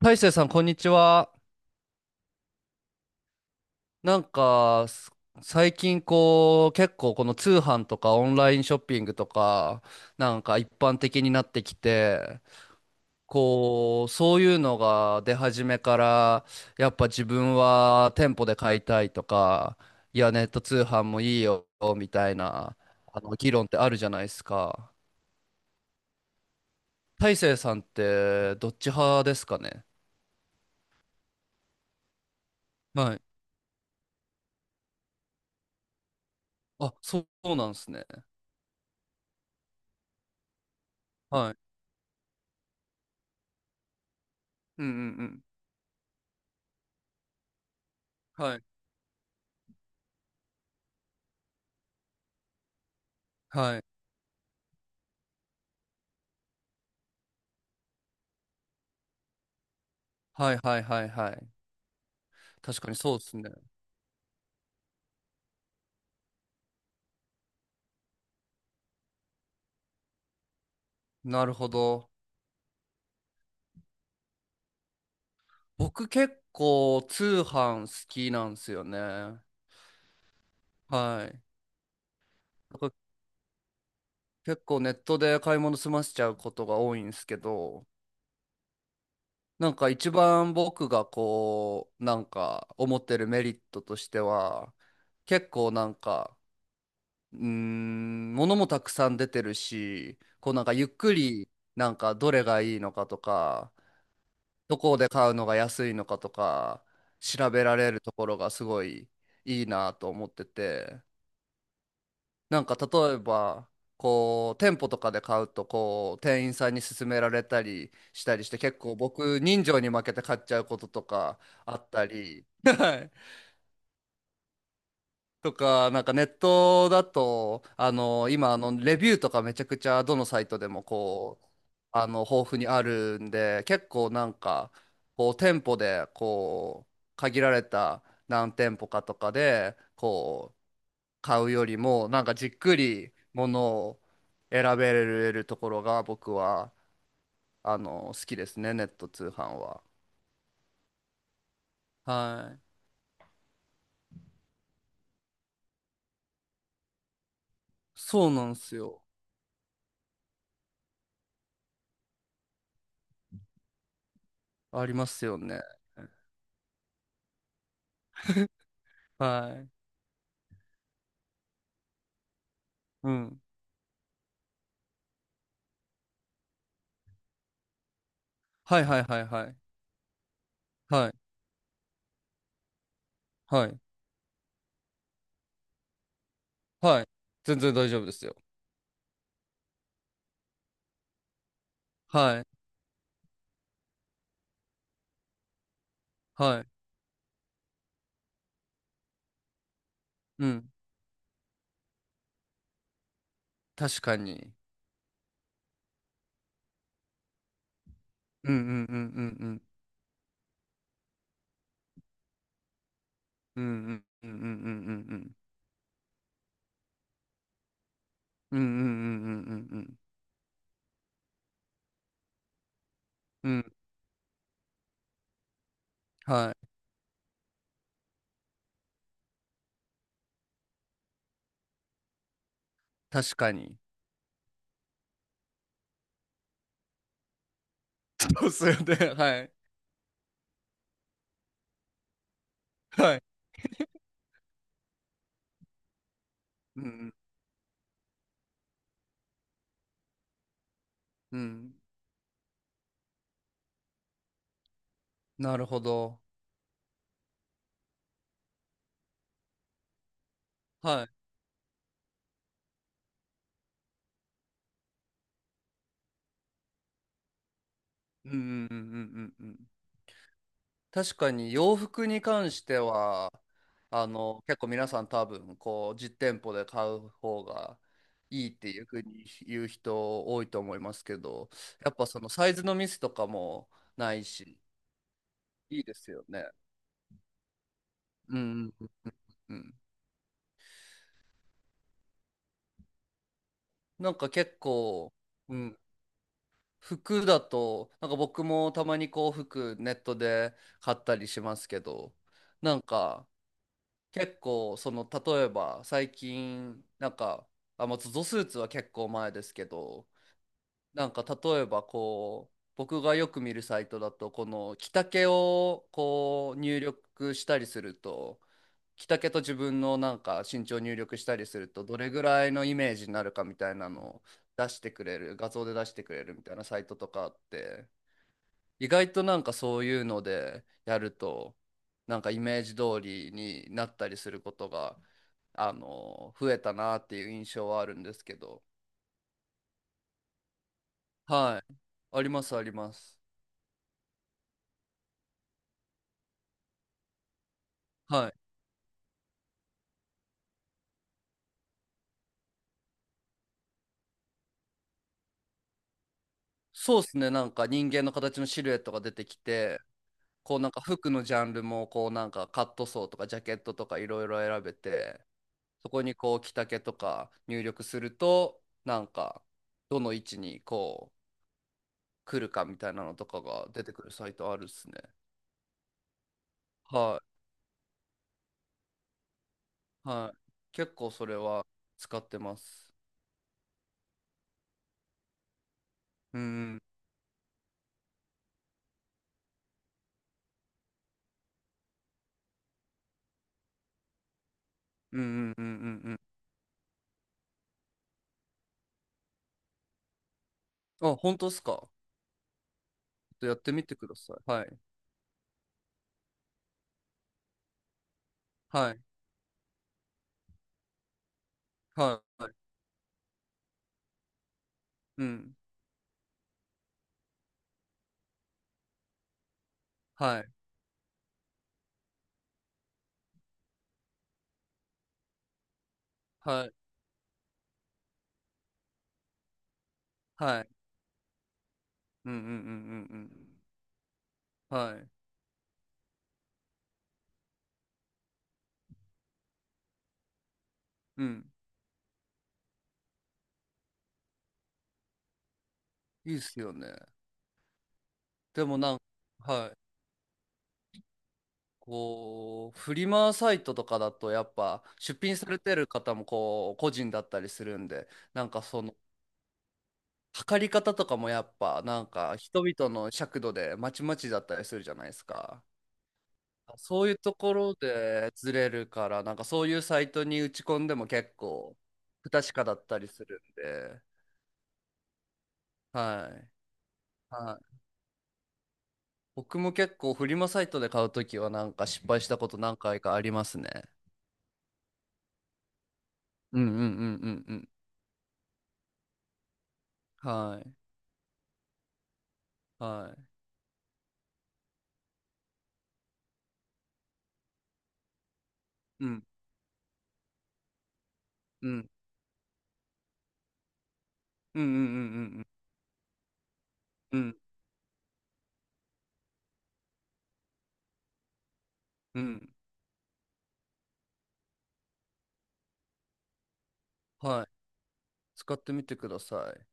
大成さん、こんにちは。なんか、す最近こう、結構この通販とかオンラインショッピングとか、なんか一般的になってきて、こう、そういうのが出始めから、やっぱ自分は店舗で買いたいとか、いや、ネット通販もいいよ、みたいな、議論ってあるじゃないですか。大成さんって、どっち派ですかね？はい。あ、そうそうなんですね。はい。うん。はい。はいはい。確かにそうですね。なるほど。僕結構通販好きなんですよね。はい。だから結構ネットで買い物済ませちゃうことが多いんですけど、なんか一番僕がこう、なんか思ってるメリットとしては、結構なんか、物もたくさん出てるし、こうなんかゆっくりなんかどれがいいのかとか、どこで買うのが安いのかとか調べられるところがすごいいいなと思ってて、なんか例えばこう店舗とかで買うと、こう店員さんに勧められたりしたりして、結構僕人情に負けて買っちゃうこととかあったり はい、とか、なんかネットだと、今、レビューとかめちゃくちゃどのサイトでもこう、豊富にあるんで、結構なんか、こう、店舗で、こう、限られた何店舗かとかで、こう、買うよりも、なんかじっくりものを選べるところが僕は、好きですね、ネット通販は。はい。そうなんですよ。ありますよね。はい。うん。はい。はい、はい、はい。全然大丈夫ですよ。はい、はい。うん。確かに。うんうんうんうんうんうんうんうんうんうんうんうんうんうんうんうんうんうんはい。確かに。そうっすよね。はい。はい。うんうん。なるほど。はい。うん。確かに洋服に関しては、結構皆さん多分、こう、実店舗で買う方がいいっていうふうに言う人多いと思いますけど、やっぱそのサイズのミスとかもないし、いいですよね。うんうんうん。なんか結構、うん、服だと、なんか僕もたまにこう、服ネットで買ったりしますけど、なんか、結構その例えば最近なんか、あ、まあ、ゾゾスーツは結構前ですけど、なんか例えばこう僕がよく見るサイトだと、この着丈をこう入力したりすると、着丈と自分のなんか身長を入力したりすると、どれぐらいのイメージになるかみたいなのを出してくれる、画像で出してくれるみたいなサイトとかあって。意外となんかそういうのでやると、なんかイメージ通りになったりすることが、増えたなっていう印象はあるんですけど。はい。ありますあります。はい。そうですね、なんか人間の形のシルエットが出てきて、こうなんか服のジャンルもこうなんかカットソーとかジャケットとかいろいろ選べて、そこにこう着丈とか入力すると、なんかどの位置にこう来るかみたいなのとかが出てくるサイトあるっすね。ははい。結構それは使ってます。うん、うん。うんあ、本当ですか？ちょっとやってみてください。はい、はい、はいうん、はい、はい、はい、うん。はい、うん。いいっすよね。でもなんか、はい。こう、フリマサイトとかだと、やっぱ、出品されてる方も、こう、個人だったりするんで、なんかその、測り方とかもやっぱなんか人々の尺度でまちまちだったりするじゃないですか。そういうところでずれるから、なんかそういうサイトに打ち込んでも結構不確かだったりするんで、はい。はい。僕も結構フリマサイトで買うときはなんか失敗したこと何回かありますね。うん。はい。はい。うんうんうんうんうんうんうん。はい。使ってみてください。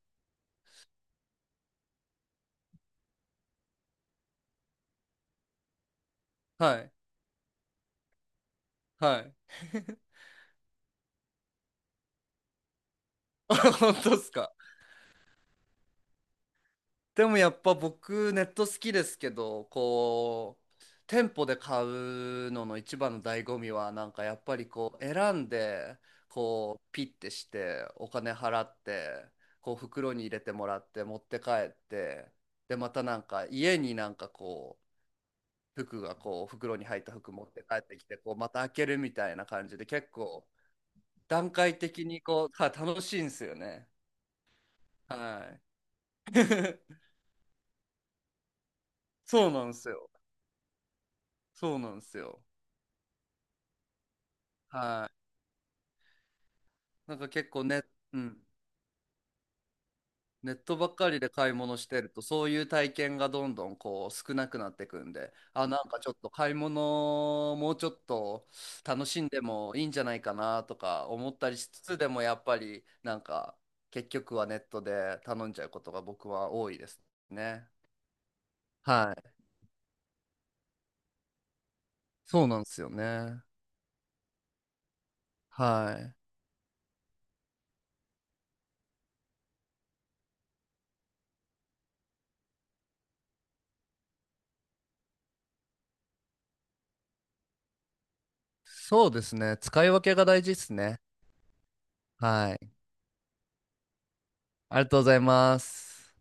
はい。はい。本当ですか？でもやっぱ僕ネット好きですけど、こう、店舗で買うのの一番の醍醐味は、なんかやっぱりこう、選んで、こう、ピッてして、お金払って、こう、袋に入れてもらって、持って帰って、で、またなんか家になんかこう、服がこう、袋に入った服持って帰ってきて、こう、また開けるみたいな感じで、結構段階的にこう、は楽しいんですよね。はい。そうなんですよ。そうなんですよ。はい。なんか結構ね、うん、ネットばっかりで買い物してると、そういう体験がどんどんこう少なくなってくんで、あ、なんかちょっと買い物もうちょっと楽しんでもいいんじゃないかなとか思ったりしつつ、でもやっぱりなんか結局はネットで頼んじゃうことが僕は多いですね。はい。そうなんですよね。はい。そうですね、使い分けが大事ですね。はい。ありがとうございます。